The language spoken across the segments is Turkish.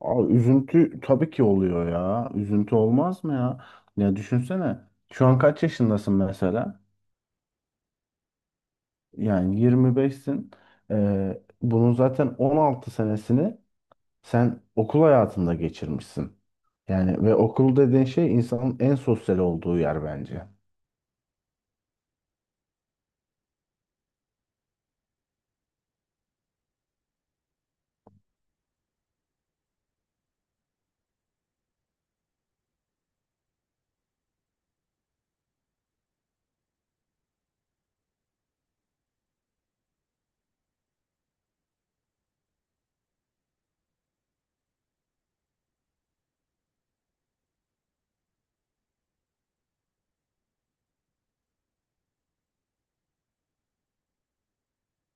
Abi üzüntü tabii ki oluyor ya. Üzüntü olmaz mı ya? Ya düşünsene. Şu an kaç yaşındasın mesela? Yani 25'sin. Bunun zaten 16 senesini sen okul hayatında geçirmişsin. Yani ve okul dediğin şey insanın en sosyal olduğu yer bence.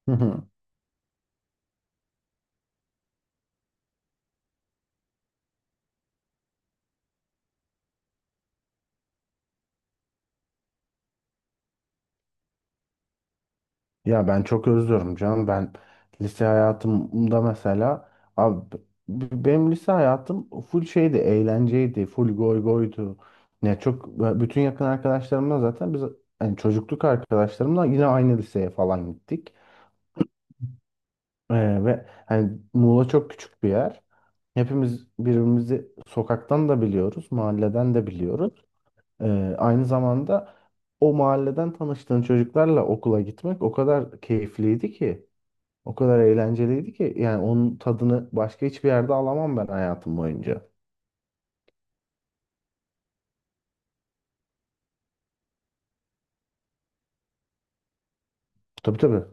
Ya ben çok özlüyorum canım. Ben lise hayatımda mesela abi benim lise hayatım full şeydi, eğlenceydi, full goy goydu. Ne çok bütün yakın arkadaşlarımla zaten biz hani çocukluk arkadaşlarımla yine aynı liseye falan gittik. Ve hani Muğla çok küçük bir yer. Hepimiz birbirimizi sokaktan da biliyoruz, mahalleden de biliyoruz. Aynı zamanda o mahalleden tanıştığın çocuklarla okula gitmek o kadar keyifliydi ki. O kadar eğlenceliydi ki yani onun tadını başka hiçbir yerde alamam ben hayatım boyunca. Tabii tabii.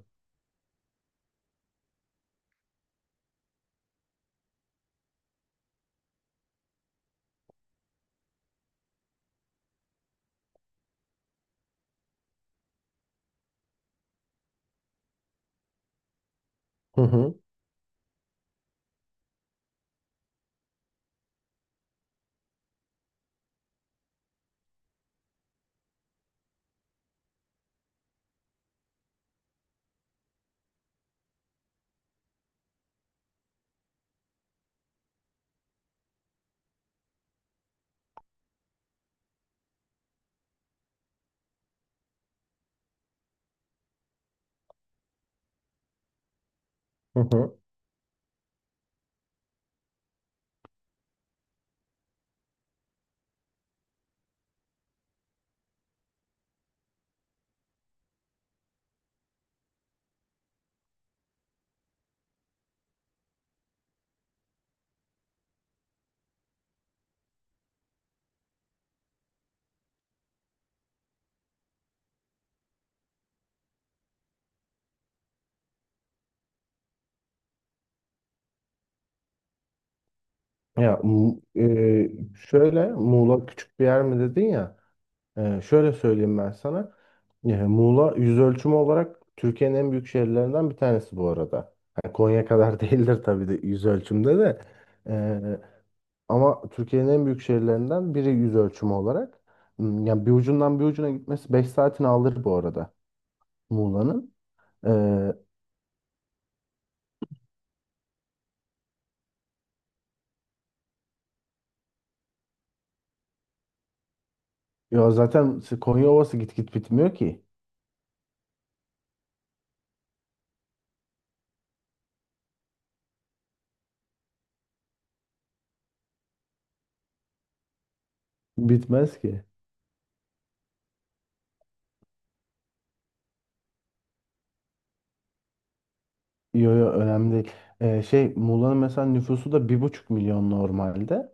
Hı hı hı. Hı. Ya şöyle Muğla küçük bir yer mi dedin ya? Şöyle söyleyeyim ben sana. Muğla yüz ölçümü olarak Türkiye'nin en büyük şehirlerinden bir tanesi bu arada. Yani Konya kadar değildir tabii de yüz ölçümde de. E, ama Türkiye'nin en büyük şehirlerinden biri yüz ölçümü olarak. Yani bir ucundan bir ucuna gitmesi 5 saatini alır bu arada Muğla'nın. Ee, ya zaten Konya Ovası git git bitmiyor ki. Bitmez ki. Yo yo, önemli değil. Şey Muğla'nın mesela nüfusu da 1,5 milyon normalde.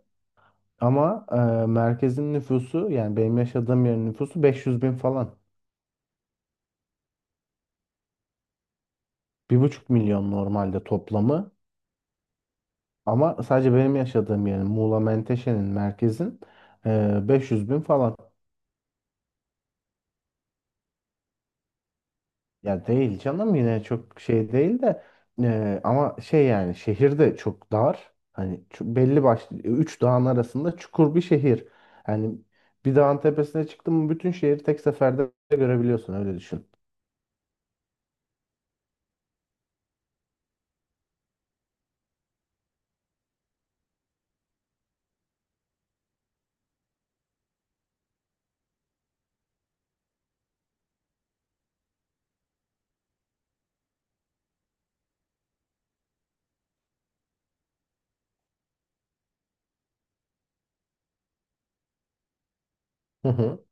Ama merkezin nüfusu yani benim yaşadığım yerin nüfusu 500 bin falan. 1,5 milyon normalde toplamı. Ama sadece benim yaşadığım yerin Muğla Menteşe'nin merkezin 500 bin falan. Ya değil canım yine çok şey değil de ama şey yani şehirde çok dar. Hani belli başlı üç dağın arasında çukur bir şehir. Hani bir dağın tepesine çıktın mı bütün şehri tek seferde görebiliyorsun öyle düşün.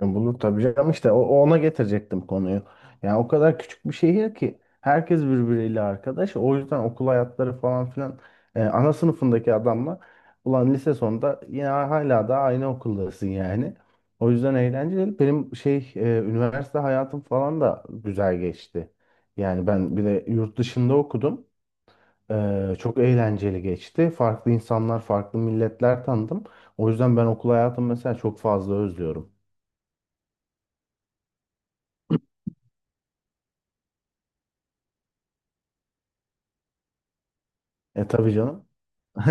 Ya bulur tabii canım işte ona getirecektim konuyu. Yani o kadar küçük bir şehir ki herkes birbiriyle arkadaş. O yüzden okul hayatları falan filan ana sınıfındaki adamla ulan lise sonunda yine hala da aynı okuldasın yani. O yüzden eğlenceli. Benim şey üniversite hayatım falan da güzel geçti. Yani ben bir de yurt dışında okudum. Çok eğlenceli geçti. Farklı insanlar, farklı milletler tanıdım. O yüzden ben okul hayatımı mesela çok fazla özlüyorum. E tabii canım.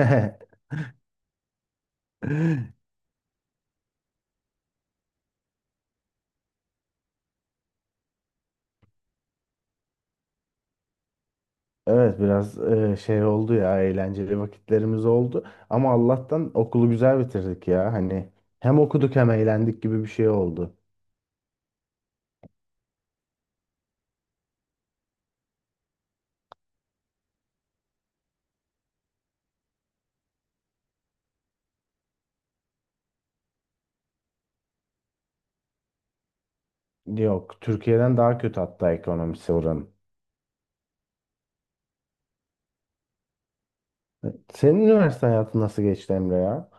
Evet, biraz şey oldu ya eğlenceli vakitlerimiz oldu ama Allah'tan okulu güzel bitirdik ya hani hem okuduk hem eğlendik gibi bir şey oldu. Yok, Türkiye'den daha kötü hatta ekonomisi oranın. Senin üniversite hayatın nasıl geçti, Emre ya?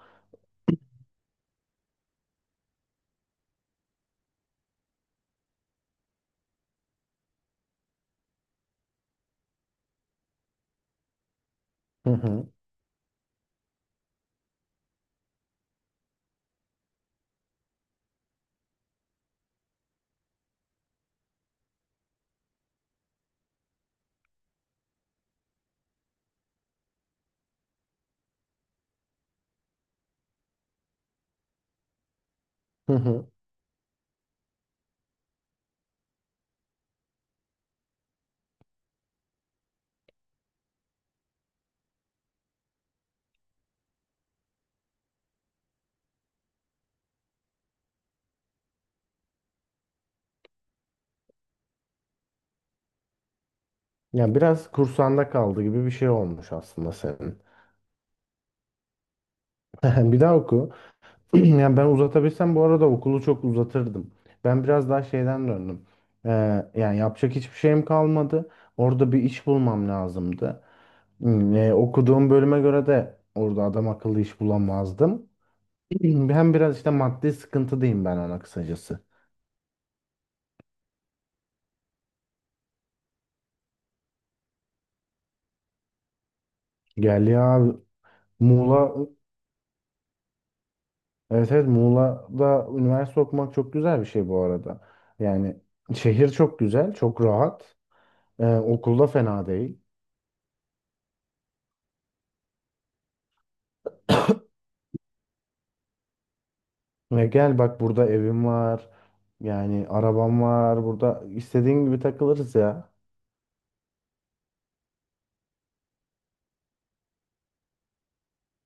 Hı hı. Hı hı. Ya biraz kursağında kaldı gibi bir şey olmuş aslında senin. Bir daha oku. Yani ben uzatabilsem bu arada okulu çok uzatırdım. Ben biraz daha şeyden döndüm. Ee, yani yapacak hiçbir şeyim kalmadı. Orada bir iş bulmam lazımdı. Okuduğum bölüme göre de orada adam akıllı iş bulamazdım. Hem biraz işte maddi sıkıntıdayım ben ona kısacası. Gel ya Muğla. Evet evet, Muğla'da üniversite okumak çok güzel bir şey bu arada. Yani şehir çok güzel, çok rahat. Okulda fena değil. Ve gel bak burada evim var. Yani arabam var. Burada istediğin gibi takılırız ya.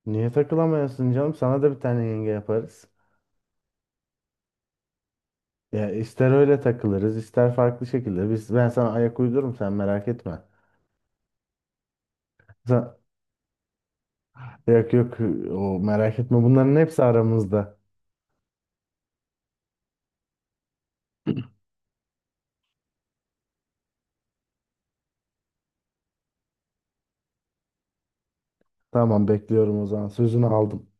Niye takılamıyorsun canım? Sana da bir tane yenge yaparız. Ya ister öyle takılırız, ister farklı şekilde. Ben sana ayak uydururum sen merak etme. Sen, Yok yok, o merak etme. Bunların hepsi aramızda. Tamam, bekliyorum o zaman. Sözünü aldım.